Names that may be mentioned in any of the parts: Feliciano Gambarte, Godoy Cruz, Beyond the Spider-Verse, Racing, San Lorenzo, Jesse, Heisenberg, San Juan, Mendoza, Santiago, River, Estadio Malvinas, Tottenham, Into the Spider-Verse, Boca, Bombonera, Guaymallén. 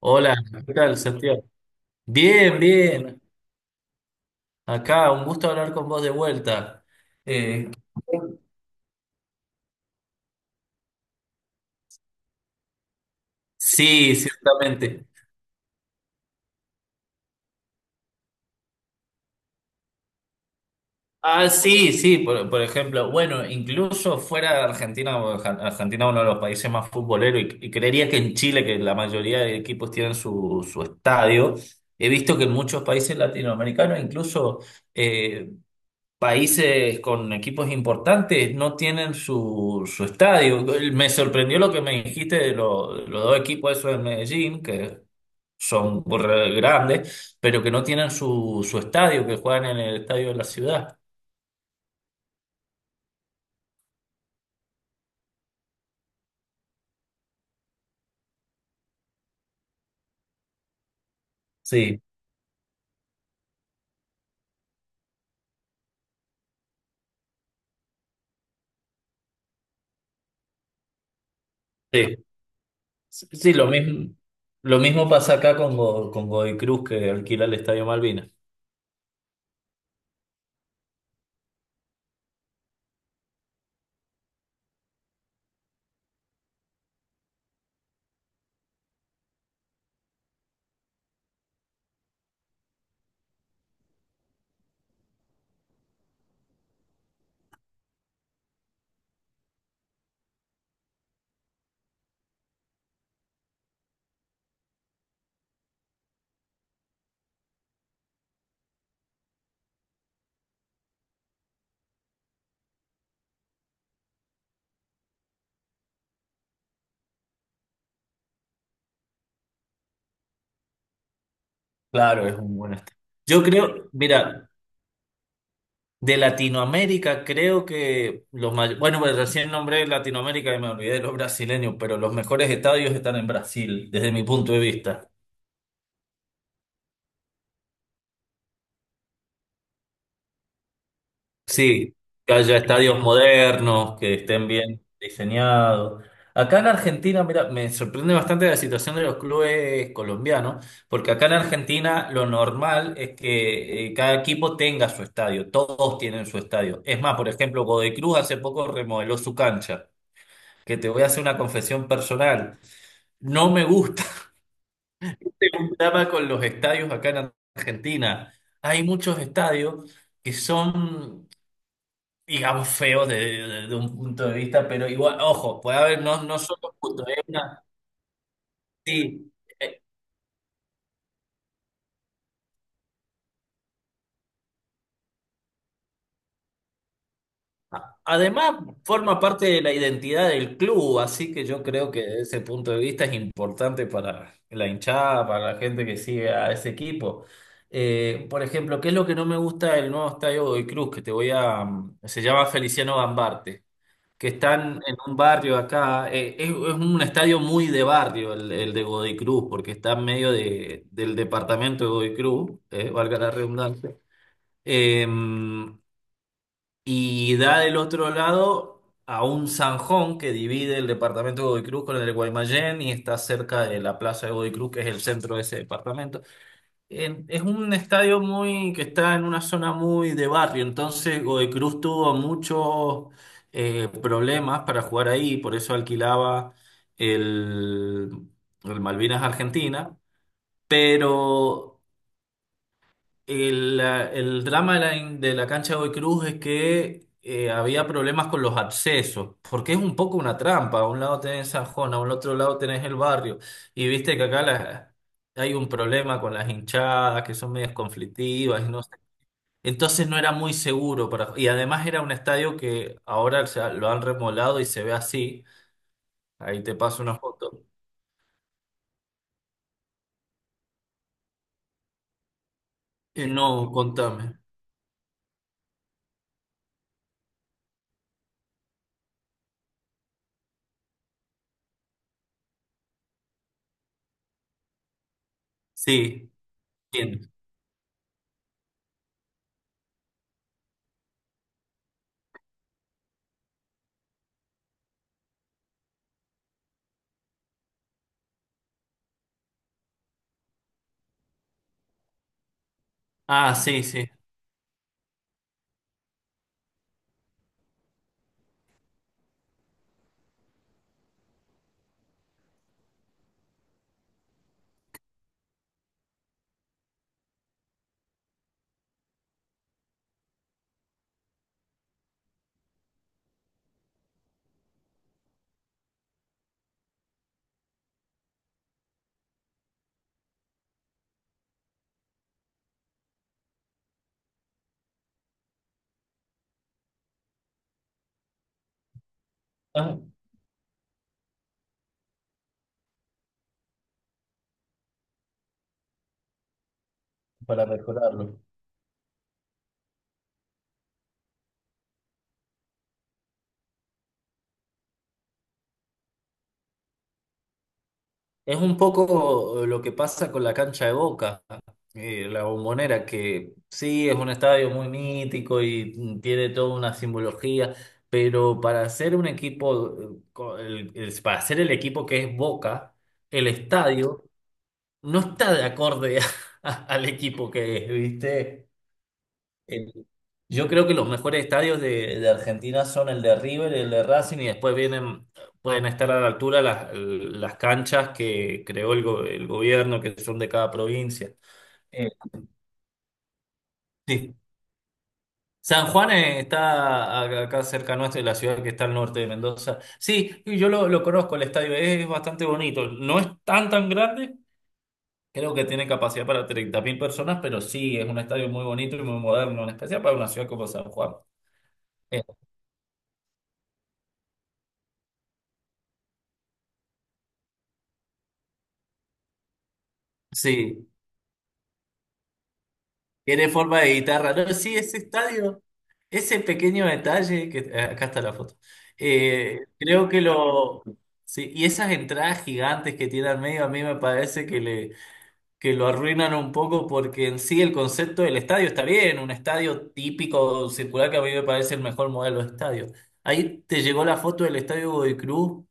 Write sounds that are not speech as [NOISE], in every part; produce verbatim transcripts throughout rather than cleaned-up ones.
Hola, ¿qué tal, Santiago? Bien, bien. Acá, un gusto hablar con vos de vuelta. Eh, sí, ciertamente. Ah, sí, sí, por, por ejemplo, bueno, incluso fuera de Argentina, porque Ar- Argentina es uno de los países más futboleros y, y creería que en Chile, que la mayoría de equipos tienen su, su estadio, he visto que en muchos países latinoamericanos, incluso eh, países con equipos importantes no tienen su, su estadio. Me sorprendió lo que me dijiste de, lo- de los dos equipos esos de Medellín, que son re grandes, pero que no tienen su, su estadio, que juegan en el estadio de la ciudad. Sí, sí, sí, lo mismo, lo mismo pasa acá con, Go- con Godoy Cruz, que alquila el Estadio Malvinas. Claro, es un buen estadio. Yo creo, mira, de Latinoamérica, creo que los mayores, bueno, pues recién nombré Latinoamérica y me olvidé de los brasileños, pero los mejores estadios están en Brasil, desde mi punto de vista. Sí, que haya estadios modernos, que estén bien diseñados. Acá en Argentina, mira, me sorprende bastante la situación de los clubes colombianos, porque acá en Argentina lo normal es que eh, cada equipo tenga su estadio, todos tienen su estadio. Es más, por ejemplo, Godoy Cruz hace poco remodeló su cancha, que te voy a hacer una confesión personal. No me gusta [LAUGHS] un drama con los estadios acá en Argentina. Hay muchos estadios que son, digamos, feos de, de- de un punto de vista, pero igual, ojo, puede haber, no, no son los puntos, es una- sí. Eh, a- Además, forma parte de la identidad del club, así que yo creo que desde ese punto de vista es importante para la hinchada, para la gente que sigue a ese equipo. Eh, por ejemplo, ¿qué es lo que no me gusta del nuevo estadio Godoy Cruz? Que te voy a... mm, Se llama Feliciano Gambarte. Que están en un barrio acá. eh, es, es un estadio muy de barrio el, el de Godoy Cruz, porque está en medio de- del departamento de Godoy Cruz, eh, valga la redundancia. Eh, y da del otro lado a un zanjón que divide el departamento de Godoy Cruz con el de Guaymallén y está cerca de la plaza de Godoy Cruz, que es el centro de ese departamento. En- es un estadio muy que está en una zona muy de barrio, entonces Godoy Cruz tuvo muchos eh, problemas para jugar ahí, por eso alquilaba el, el Malvinas Argentina, pero el, la- el drama de la, de la cancha de Godoy Cruz es que eh, había problemas con los accesos, porque es un poco una trampa. A un lado tenés San Juan, a un otro lado tenés el barrio, y viste que acá la- hay un problema con las hinchadas, que son medias conflictivas, y no sé. Entonces no era muy seguro para... Y además era un estadio que ahora se ha- lo han remolado y se ve así. Ahí te paso una foto. Eh, no, contame. Sí, bien. Ah, sí, sí. Ah, para mejorarlo. Es un poco eh, lo que pasa con la cancha de Boca, eh, la Bombonera, que sí es un estadio muy mítico y mm, tiene toda una simbología, pero para ser un equipo, eh, co- el- el- para ser el equipo que es Boca, el estadio no está de acorde [LAUGHS] a- al equipo que es, ¿viste? Eh, Yo creo que los mejores estadios de, de Argentina son el de River, el de Racing y después vienen, pueden estar a la altura las, las canchas que creó el, go- el gobierno, que son de cada provincia. Eh, sí. San Juan eh, está acá acá cerca nuestro, de la ciudad que está al norte de Mendoza. Sí, y yo lo, lo conozco, el estadio es, es bastante bonito. No es tan tan grande, creo que tiene capacidad para treinta mil personas, pero sí, es un estadio muy bonito y muy moderno, en especial para una ciudad como San Juan. Eh, Sí, tiene forma de guitarra. No, sí, ese estadio, ese pequeño detalle, que eh, acá está la foto. Eh, creo que lo. Sí, y esas entradas gigantes que tiene al medio, a mí me parece que le, que lo arruinan un poco porque en sí el concepto del estadio está bien, un estadio típico circular que a mí me parece el mejor modelo de estadio. Ahí te llegó la foto del estadio Godoy Cruz.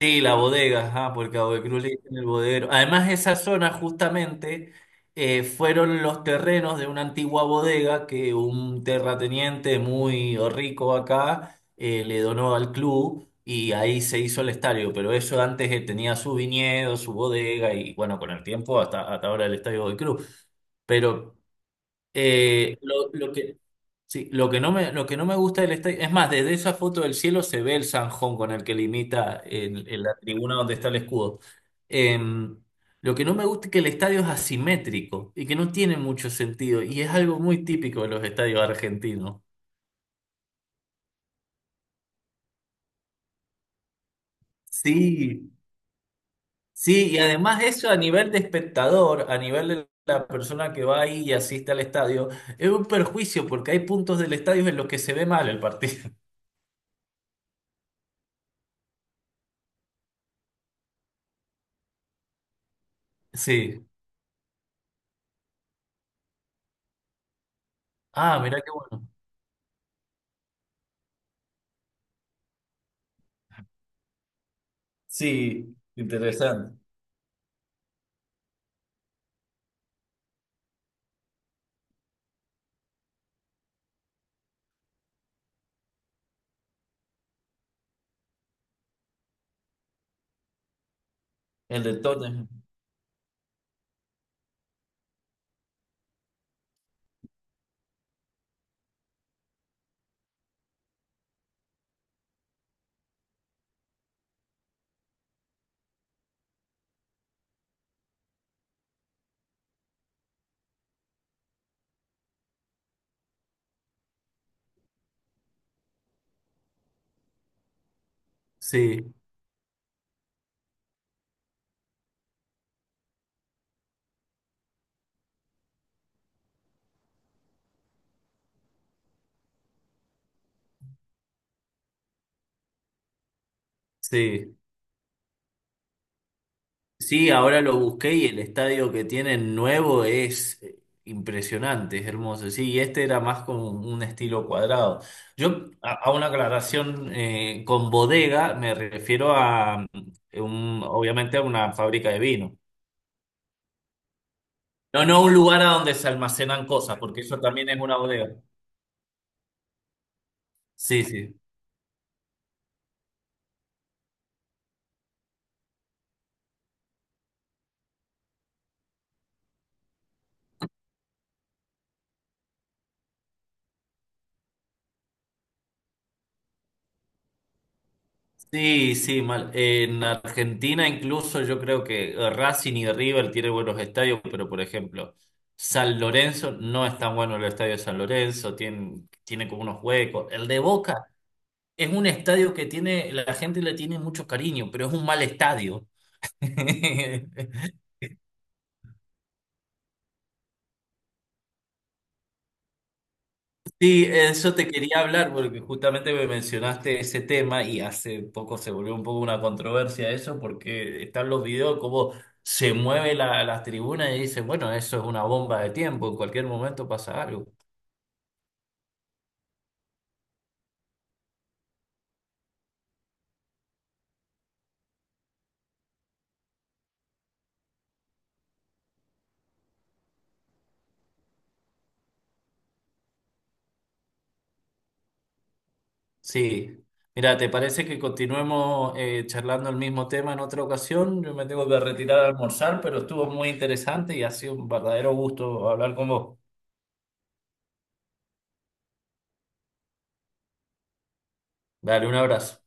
Sí, la bodega, ajá, porque a Godoy Cruz le dicen el bodeguero. Además, esa zona justamente eh, fueron los terrenos de una antigua bodega que un terrateniente muy rico acá eh, le donó al club y ahí se hizo el estadio. Pero eso antes eh, tenía su viñedo, su bodega y bueno, con el tiempo hasta, hasta ahora el estadio Godoy Cruz. Pero eh, lo, lo que... Sí, lo que no me, lo que no me gusta del estadio, es más, desde esa foto del cielo se ve el zanjón con el que limita el- el- la tribuna donde está el escudo. Eh, lo que no me gusta es que el estadio es asimétrico y que no tiene mucho sentido y es algo muy típico de los estadios argentinos. Sí, sí, y además eso a nivel de espectador, a nivel de la persona que va ahí y asiste al estadio, es un perjuicio porque hay puntos del estadio en los que se ve mal el partido. [LAUGHS] Sí. Ah, mirá qué bueno. Sí, interesante. El de Tottenham. Sí, sí. Sí, ahora lo busqué y el estadio que tienen nuevo es eh, impresionante, es hermoso. Sí, y este era más con un estilo cuadrado. Yo, a, a una aclaración eh, con bodega, me refiero a, mm, un- obviamente, a una fábrica de vino. No, no un lugar a donde se almacenan cosas, porque eso también es una bodega. Sí, sí. Sí, sí, mal. En Argentina incluso yo creo que eh, Racing y River tienen buenos estadios, pero por ejemplo, San Lorenzo no es tan bueno el estadio de San Lorenzo, tiene, tiene como unos huecos. El de Boca es un estadio que tiene, la gente le tiene mucho cariño, pero es un mal estadio. [LAUGHS] Sí, eso te quería hablar porque justamente me mencionaste ese tema y hace poco se volvió un poco una controversia eso porque están los videos como se mueve la, las tribunas y dicen, bueno, eso es una bomba de tiempo, en cualquier momento pasa algo. Sí, mira, ¿te parece que continuemos eh, charlando el mismo tema en otra ocasión? Yo me tengo que retirar a almorzar, pero estuvo muy interesante y ha sido un verdadero gusto hablar con vos. Dale, un abrazo.